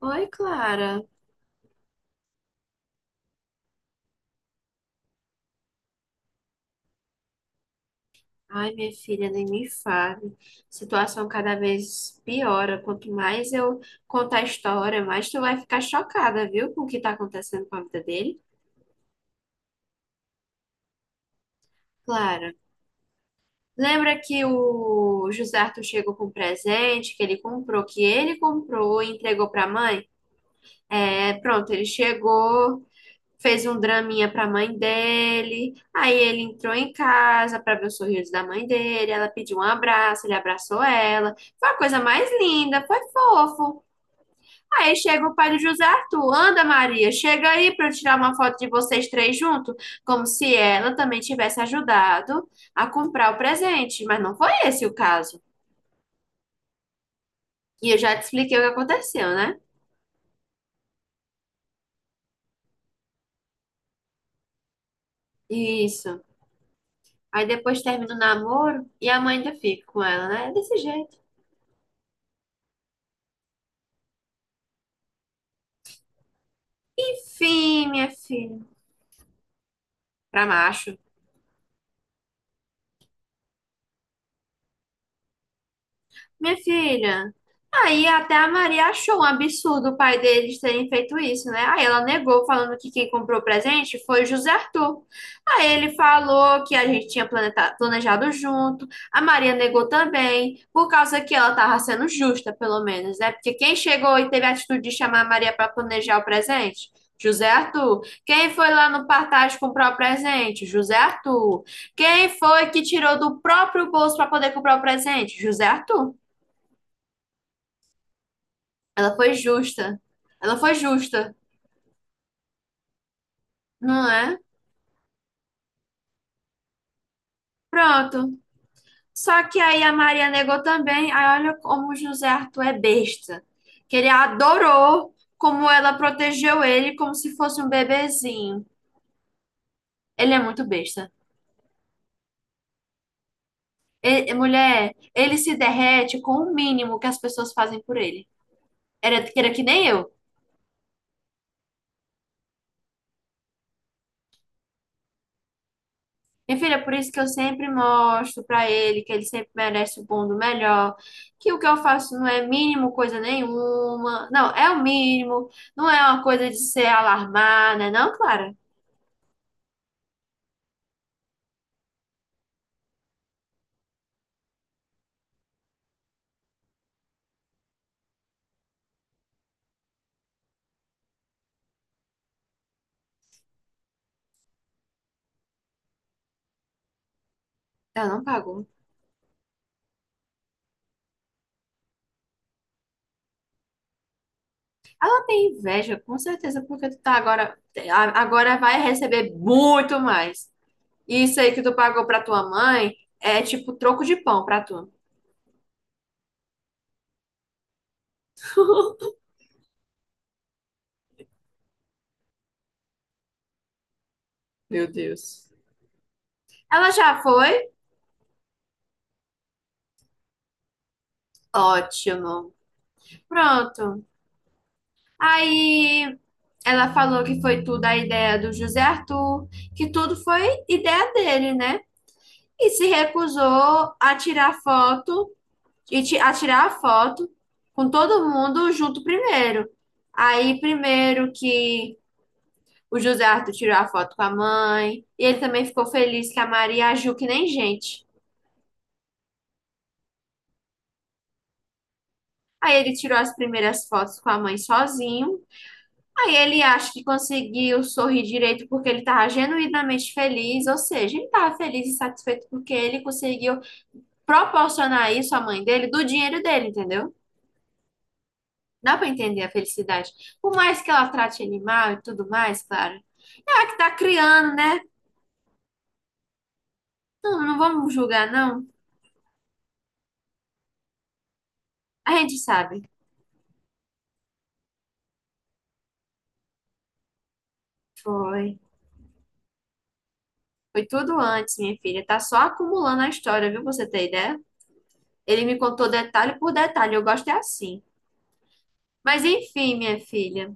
Oi, Clara. Ai, minha filha, nem me fale. Situação cada vez piora. Quanto mais eu contar a história, mais tu vai ficar chocada, viu, com o que tá acontecendo com a vida dele. Clara, lembra que o José Arthur chegou com um presente que ele comprou e entregou pra mãe? É, pronto, ele chegou. Fez um draminha pra mãe dele. Aí ele entrou em casa pra ver o sorriso da mãe dele. Ela pediu um abraço, ele abraçou ela. Foi a coisa mais linda, foi fofo. Aí chega o pai do José Arthur. Anda, Maria, chega aí pra eu tirar uma foto de vocês três juntos. Como se ela também tivesse ajudado a comprar o presente. Mas não foi esse o caso. E eu já te expliquei o que aconteceu, né? Isso. Aí depois termina o namoro e a mãe ainda fica com ela, né? É desse jeito. Enfim, minha filha. Para macho. Minha filha. Aí até a Maria achou um absurdo o pai deles terem feito isso, né? Aí ela negou, falando que quem comprou o presente foi o José Arthur. Aí ele falou que a gente tinha planejado junto. A Maria negou também, por causa que ela estava sendo justa, pelo menos, né? Porque quem chegou e teve a atitude de chamar a Maria para planejar o presente? José Arthur. Quem foi lá no Partage comprar o presente? José Arthur. Quem foi que tirou do próprio bolso para poder comprar o presente? José Arthur. Ela foi justa. Ela foi justa, não é? Pronto. Só que aí a Maria negou também. Aí olha como o José Arthur é besta. Que ele adorou como ela protegeu ele como se fosse um bebezinho. Ele é muito besta. Mulher, ele se derrete com o mínimo que as pessoas fazem por ele. Era que nem eu. Minha filha, por isso que eu sempre mostro pra ele que ele sempre merece o bom do melhor, que o que eu faço não é mínimo coisa nenhuma, não, é o mínimo, não é uma coisa de ser alarmada, né? Não, Clara, ela não pagou. Ela tem inveja, com certeza, porque tu tá agora, agora vai receber muito mais. Isso aí que tu pagou pra tua mãe é tipo troco de pão pra tu. Meu Deus. Ela já foi? Ótimo. Pronto. Aí. Ela falou que foi tudo a ideia do José Arthur, que tudo foi ideia dele, né? E se recusou a tirar foto a tirar a foto com todo mundo junto primeiro. Aí, primeiro que o José Arthur tirou a foto com a mãe, e ele também ficou feliz que a Maria agiu que nem gente. Aí ele tirou as primeiras fotos com a mãe sozinho. Aí ele acha que conseguiu sorrir direito porque ele estava genuinamente feliz, ou seja, ele estava feliz e satisfeito porque ele conseguiu proporcionar isso à mãe dele do dinheiro dele, entendeu? Dá para entender a felicidade. Por mais que ela trate ele mal e tudo mais, claro. É que tá criando, né? Não, não vamos julgar, não. A gente sabe. Foi. Foi tudo antes, minha filha. Tá só acumulando a história, viu? Pra Você tem ideia? Ele me contou detalhe por detalhe. Eu gosto é assim. Mas enfim, minha filha.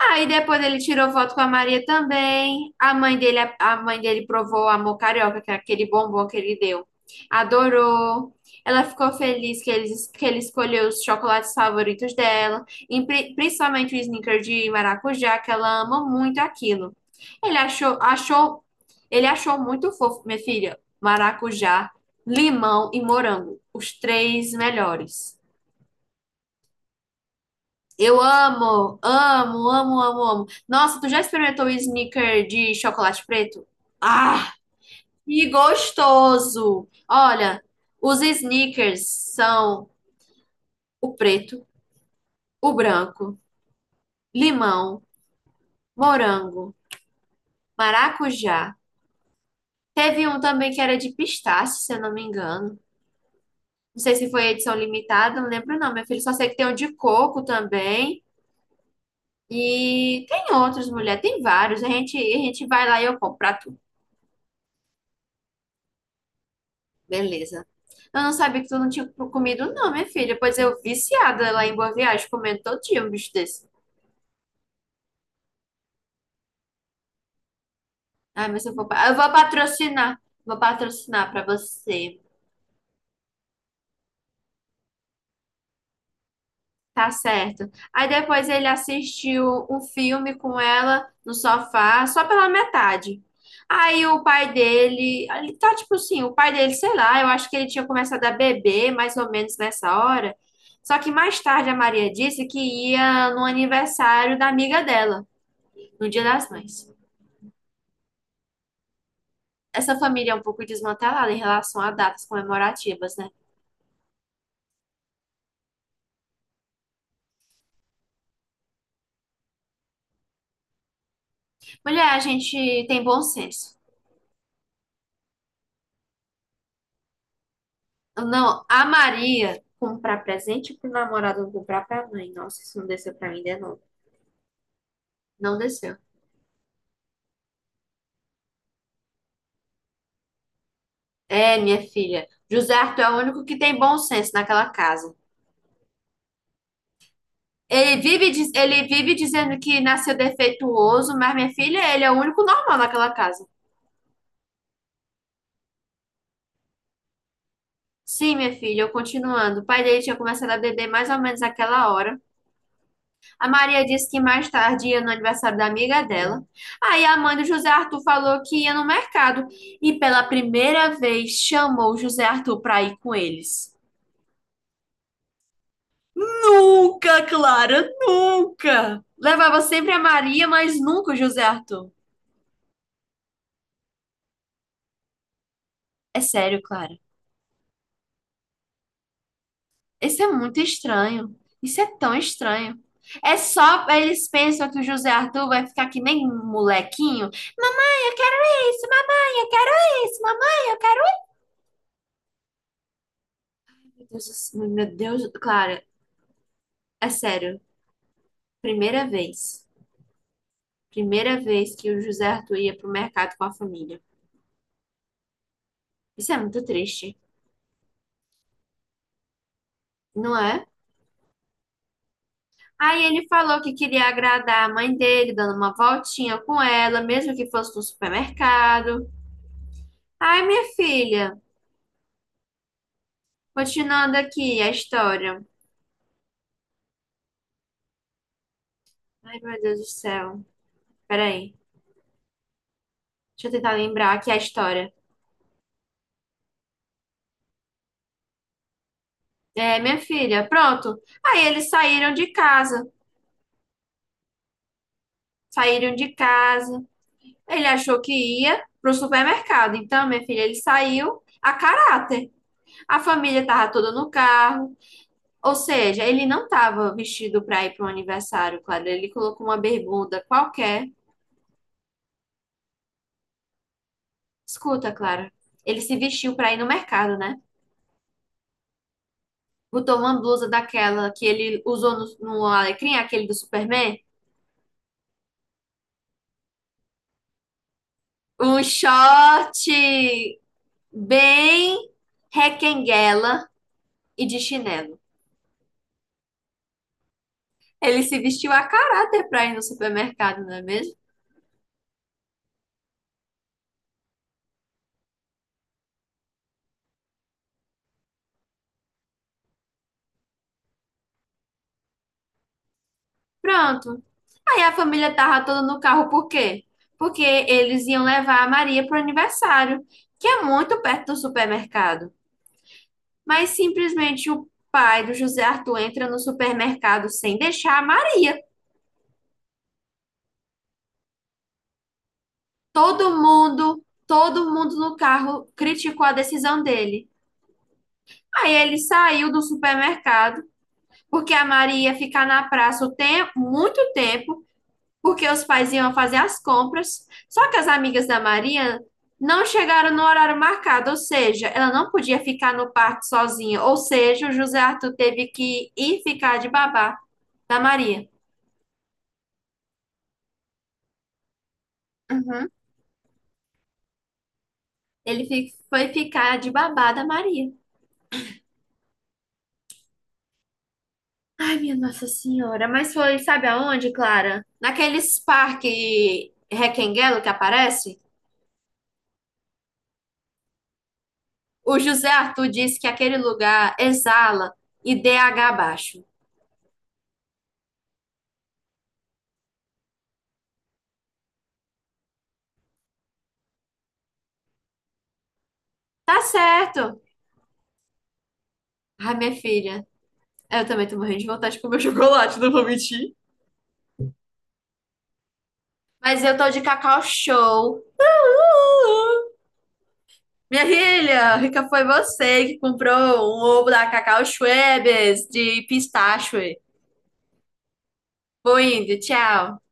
Aí depois ele tirou foto com a Maria também. A mãe dele provou o amor carioca, que é aquele bombom que ele deu. Adorou. Ela ficou feliz que ele escolheu os chocolates favoritos dela, principalmente o Snickers de maracujá, que ela ama muito aquilo. Ele achou, achou, ele achou muito fofo, minha filha, maracujá, limão e morango, os três melhores. Eu amo. Nossa, tu já experimentou o sneaker de chocolate preto? Ah, que gostoso! Olha, os sneakers são o preto, o branco, limão, morango, maracujá. Teve um também que era de pistache, se eu não me engano. Não sei se foi edição limitada, não lembro não, meu filho. Só sei que tem um de coco também. E tem outros, mulher, tem vários. A gente vai lá e eu compro pra tu. Beleza. Eu não sabia que tu não tinha comido, não, minha filha. Pois eu viciada lá em Boa Viagem, comendo todo dia um bicho desse. Ai, mas eu vou, eu vou patrocinar. Vou patrocinar pra você. Tá certo. Aí depois ele assistiu um filme com ela no sofá, só pela metade. Aí o pai dele, ele tá tipo assim, o pai dele, sei lá, eu acho que ele tinha começado a beber mais ou menos nessa hora. Só que mais tarde a Maria disse que ia no aniversário da amiga dela. No Dia das Mães. Essa família é um pouco desmantelada em relação a datas comemorativas, né? Mulher, a gente tem bom senso. Não, a Maria comprar presente pro namorado, não comprar pra mãe. Nossa, isso não desceu pra mim de novo. Não desceu. É, minha filha. José Arthur é o único que tem bom senso naquela casa. Ele vive dizendo que nasceu defeituoso, mas minha filha, ele é o único normal naquela casa. Sim, minha filha, eu continuando. O pai dele tinha começado a beber mais ou menos naquela hora. A Maria disse que mais tarde ia no aniversário da amiga dela. Aí a mãe do José Arthur falou que ia no mercado e pela primeira vez chamou o José Arthur para ir com eles. Nunca, Clara, nunca! Levava sempre a Maria, mas nunca o José Arthur. É sério, Clara. Isso é muito estranho. Isso é tão estranho. É só eles pensam que o José Arthur vai ficar que nem um molequinho. Mamãe, eu quero isso, mamãe, eu quero isso, mamãe, eu Meu Deus, do céu, meu Deus, Clara, é sério. Primeira vez. Primeira vez que o José Arthur ia pro mercado com a família. Isso é muito triste, não é? Aí ele falou que queria agradar a mãe dele, dando uma voltinha com ela, mesmo que fosse no supermercado. Ai, minha filha, continuando aqui a história. Ai, meu Deus do céu. Peraí, deixa eu tentar lembrar aqui a história. É, minha filha, pronto. Aí eles saíram de casa. Saíram de casa. Ele achou que ia pro supermercado. Então, minha filha, ele saiu a caráter. A família estava toda no carro. Ou seja, ele não estava vestido para ir para um aniversário, Clara. Ele colocou uma bermuda qualquer. Escuta, Clara. Ele se vestiu para ir no mercado, né? Botou uma blusa daquela que ele usou no Alecrim, aquele do Superman. Um short bem requenguela e de chinelo. Ele se vestiu a caráter para ir no supermercado, não é mesmo? Pronto. Aí a família tava toda no carro, por quê? Porque eles iam levar a Maria pro aniversário, que é muito perto do supermercado. Mas simplesmente o pai do José Arthur entra no supermercado sem deixar a Maria. Todo mundo no carro criticou a decisão dele. Aí ele saiu do supermercado, porque a Maria ia ficar na praça o tem muito tempo porque os pais iam fazer as compras, só que as amigas da Maria não chegaram no horário marcado, ou seja, ela não podia ficar no parque sozinha, ou seja, o José Arthur teve que ir ficar de babá da Maria. Uhum. Foi ficar de babá da Maria. Ai, minha Nossa Senhora, mas foi, sabe aonde, Clara? Naqueles parque Requenguelo que aparece, o José Arthur disse que aquele lugar exala IDH baixo. Tá certo. Ai, minha filha. Eu também tô morrendo de vontade de comer chocolate, não vou mentir. Mas eu tô de cacau show. Uhul! Minha filha, rica foi você que comprou um ovo da Cacau Schwebes de pistache. Vou indo, tchau.